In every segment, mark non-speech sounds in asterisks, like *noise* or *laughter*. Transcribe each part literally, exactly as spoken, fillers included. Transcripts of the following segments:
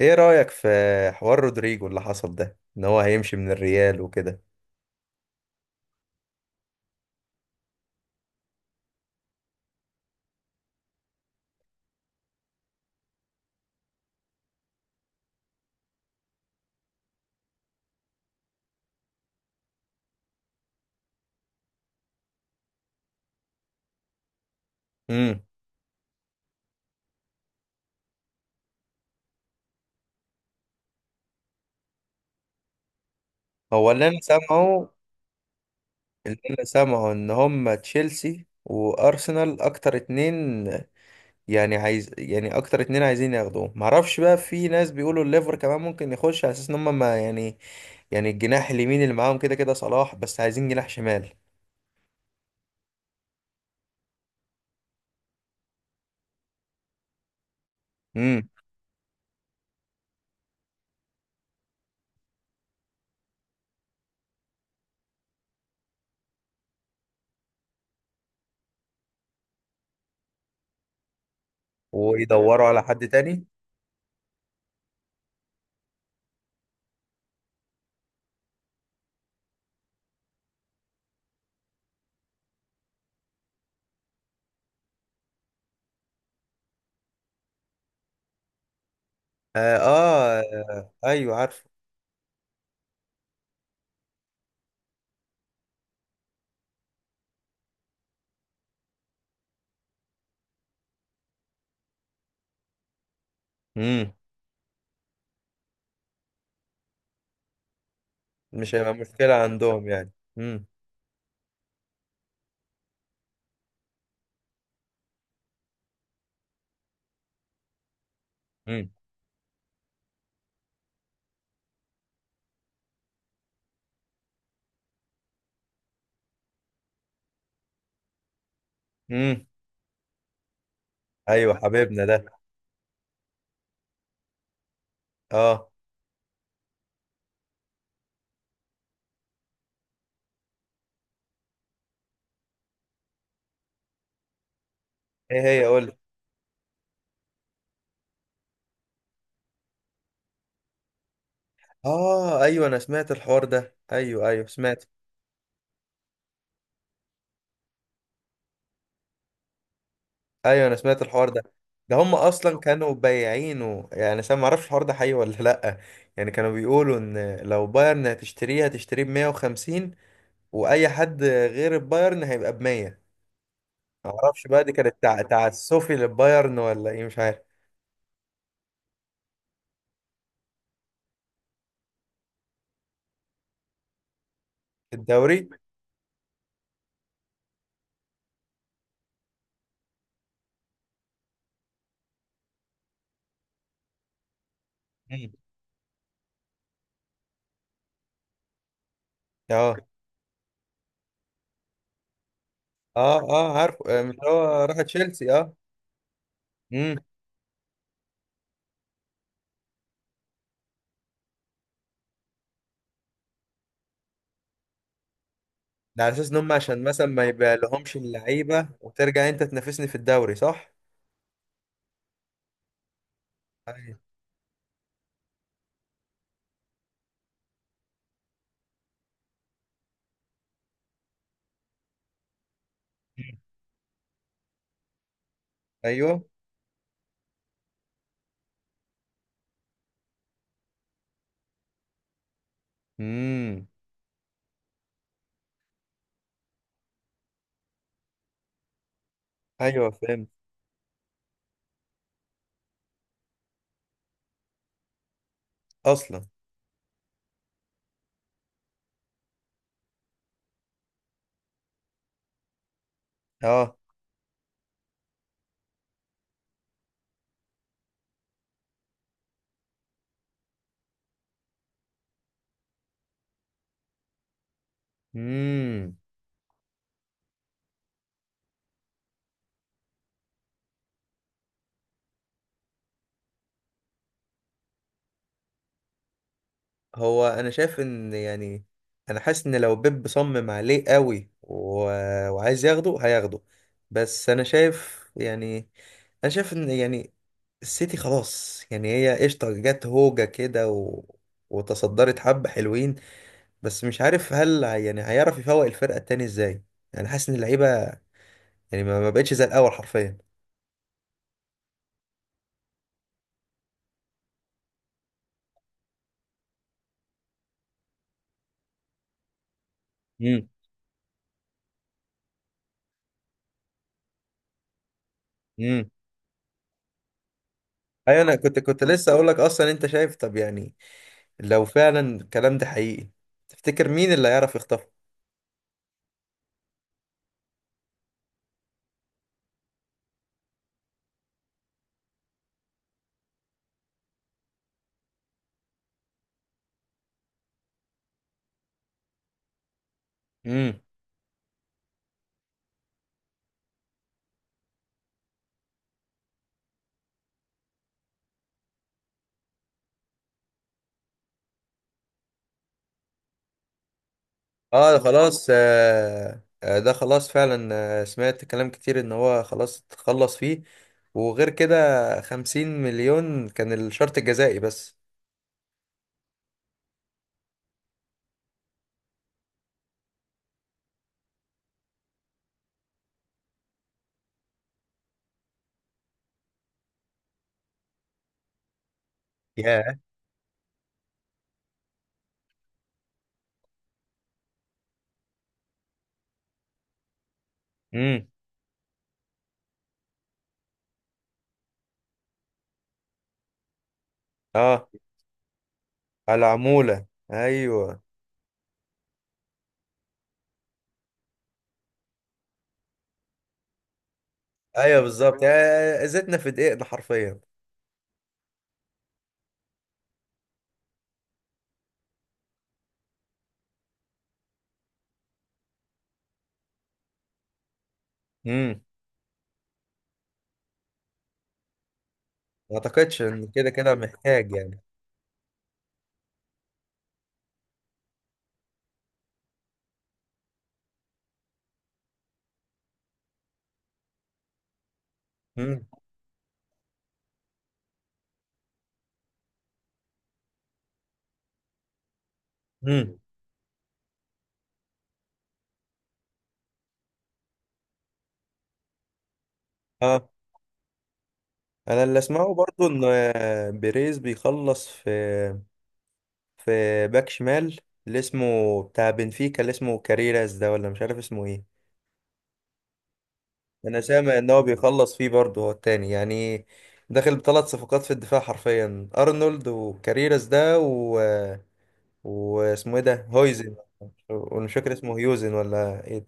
ايه رأيك في حوار رودريجو اللي حصل ده ان هو هيمشي من الريال وكده؟ امم. هو اللي انا سامعه، اللي انا سامعه ان هم تشيلسي وارسنال اكتر اتنين. يعني عايز يعني اكتر اتنين عايزين ياخدوه، معرفش بقى، في ناس بيقولوا الليفر كمان ممكن يخش على اساس ان هم ما يعني، يعني الجناح اليمين اللي معاهم كده كده صلاح، بس عايزين جناح شمال. امم. ويدوروا على حد تاني. آه, اه, آه ايوه عارفه. امم. مش هيبقى مشكلة عندهم يعني. امم. امم. ايوه حبيبنا ده. اه. ايه هي قول لي؟ اه ايوه انا سمعت الحوار ده، ايوه ايوه سمعت. ايوه انا سمعت الحوار ده. ده هم اصلا كانوا بايعينه، يعني انا ما اعرفش الحوار ده حقيقي ولا لا. يعني كانوا بيقولوا ان لو بايرن هتشتريه هتشتريه ب مائة وخمسين، واي حد غير البايرن هيبقى ب مية. ما اعرفش بقى، دي كانت تع- تعسفي للبايرن ولا ايه، مش عارف. الدوري. مم. اه اه اه عارفه، آه، مش هو راح تشيلسي؟ اه. ده على اساس ان هم عشان مثلا ما يبقى لهمش اللعيبه وترجع انت تنافسني في الدوري، صح. ايوه. ايوه. امم. ايوه فهمت. اصلا. اه. امم. هو انا شايف ان يعني انا حاسس ان لو بيب صمم عليه قوي، و... وعايز ياخده هياخده. بس انا شايف يعني انا شايف ان يعني السيتي خلاص، يعني هي قشطه جت هوجه كده، و... وتصدرت حبه حلوين. بس مش عارف هل هي- يعني هيعرف يفوق الفرقه التاني ازاي. يعني حاسس ان اللعيبه يعني ما ما بقتش زي الاول حرفيا. امم. امم. ايوه انا كنت كنت لسه اقول لك، اصلا انت شايف، طب يعني لو فعلا الكلام ده حقيقي تفتكر مين اللي هيعرف يخطفه؟ امم. اه ده خلاص، آه آه، ده خلاص فعلا. آه، سمعت كلام كتير ان هو خلاص تخلص فيه. وغير كده، خمسين مليون كان الشرط الجزائي بس. ياه. امم. اه. على العمولة. ايوه. ايوه بالظبط، يعني زيتنا في دقيقنا حرفيا. امم. ما اعتقدش ان كده كده محتاج يعني. امم. امم. اه انا اللي اسمعه برضو ان آه، بيريز بيخلص في، في باك شمال، اللي اسمه بتاع بنفيكا اللي اسمه كاريراس ده، ولا مش عارف اسمه ايه. انا سامع ان هو بيخلص فيه برضه، هو التاني يعني داخل بثلاث صفقات في الدفاع حرفيا، ارنولد وكاريراس ده، و... واسمه ايه ده، هويزن. ومش فاكر اسمه هيوزن ولا ايه.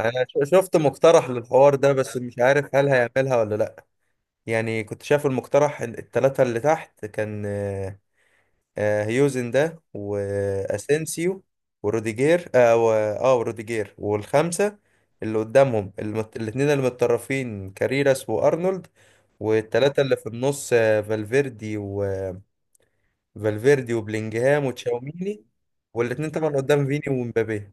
انا ش- شفت مقترح للحوار ده، بس مش عارف هل هيعملها ولا لا. يعني كنت شايف المقترح، ال- التلاتة اللي تحت كان آه، آه، هيوزن ده، واسينسيو، وروديجير، اه و- آه، وروديجير والخمسة اللي قدامهم، المت... الاتنين اللي متطرفين كاريراس وارنولد، والتلاتة اللي في النص آه، فالفيردي، وفالفيردي وبلينجهام وتشاوميني، والاتنين طبعا قدام فيني ومبابي.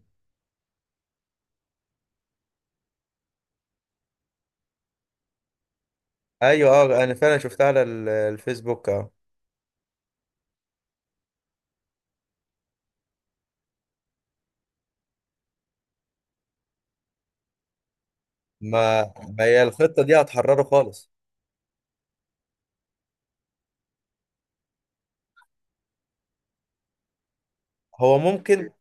ايوه اه انا فعلا شفتها على ال- الفيسبوك آه. ما ما هي الخطة دي هتحرره خالص. هو ممكن.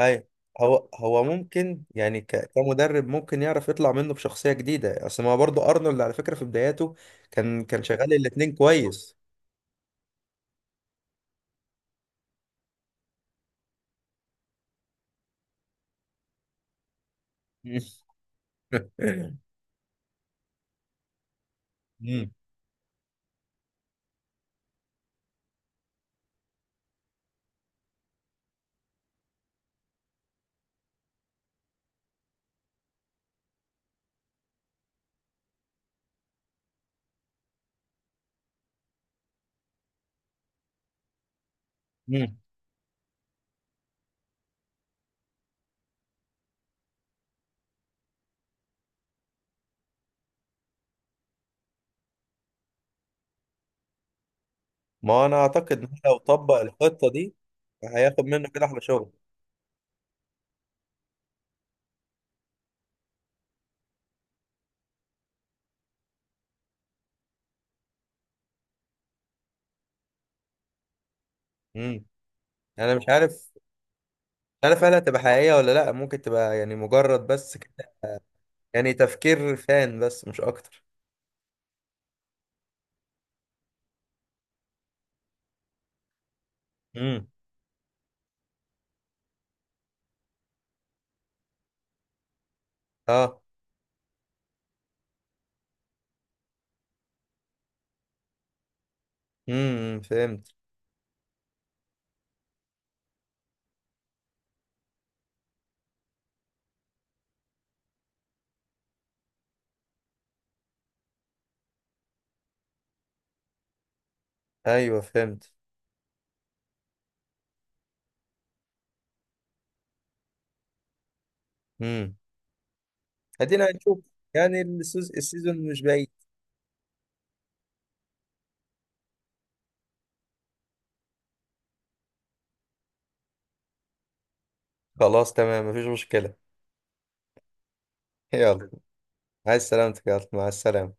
اي. هو هو ممكن يعني ك- كمدرب ممكن يعرف يطلع منه بشخصية جديدة، اصل ما برضه ارنولد على فكرة في بداياته كان كان شغال الاتنين كويس. *laughs* مم. مم. ما انا اعتقد ان لو طبق الخطة دي هياخد منه كده احلى شغل. مم. انا مش عارف، مش عارف هل هتبقى حقيقية ولا لا، ممكن تبقى يعني مجرد بس ك- يعني تفكير فان بس مش اكتر. مم. اه. امم فهمت. ايوه فهمت. امم. ادينا هنشوف، يعني السوز- السيزون مش بعيد. خلاص تمام، مفيش مشكلة. يلا. عايز سلامتك يا عبد- مع السلامة.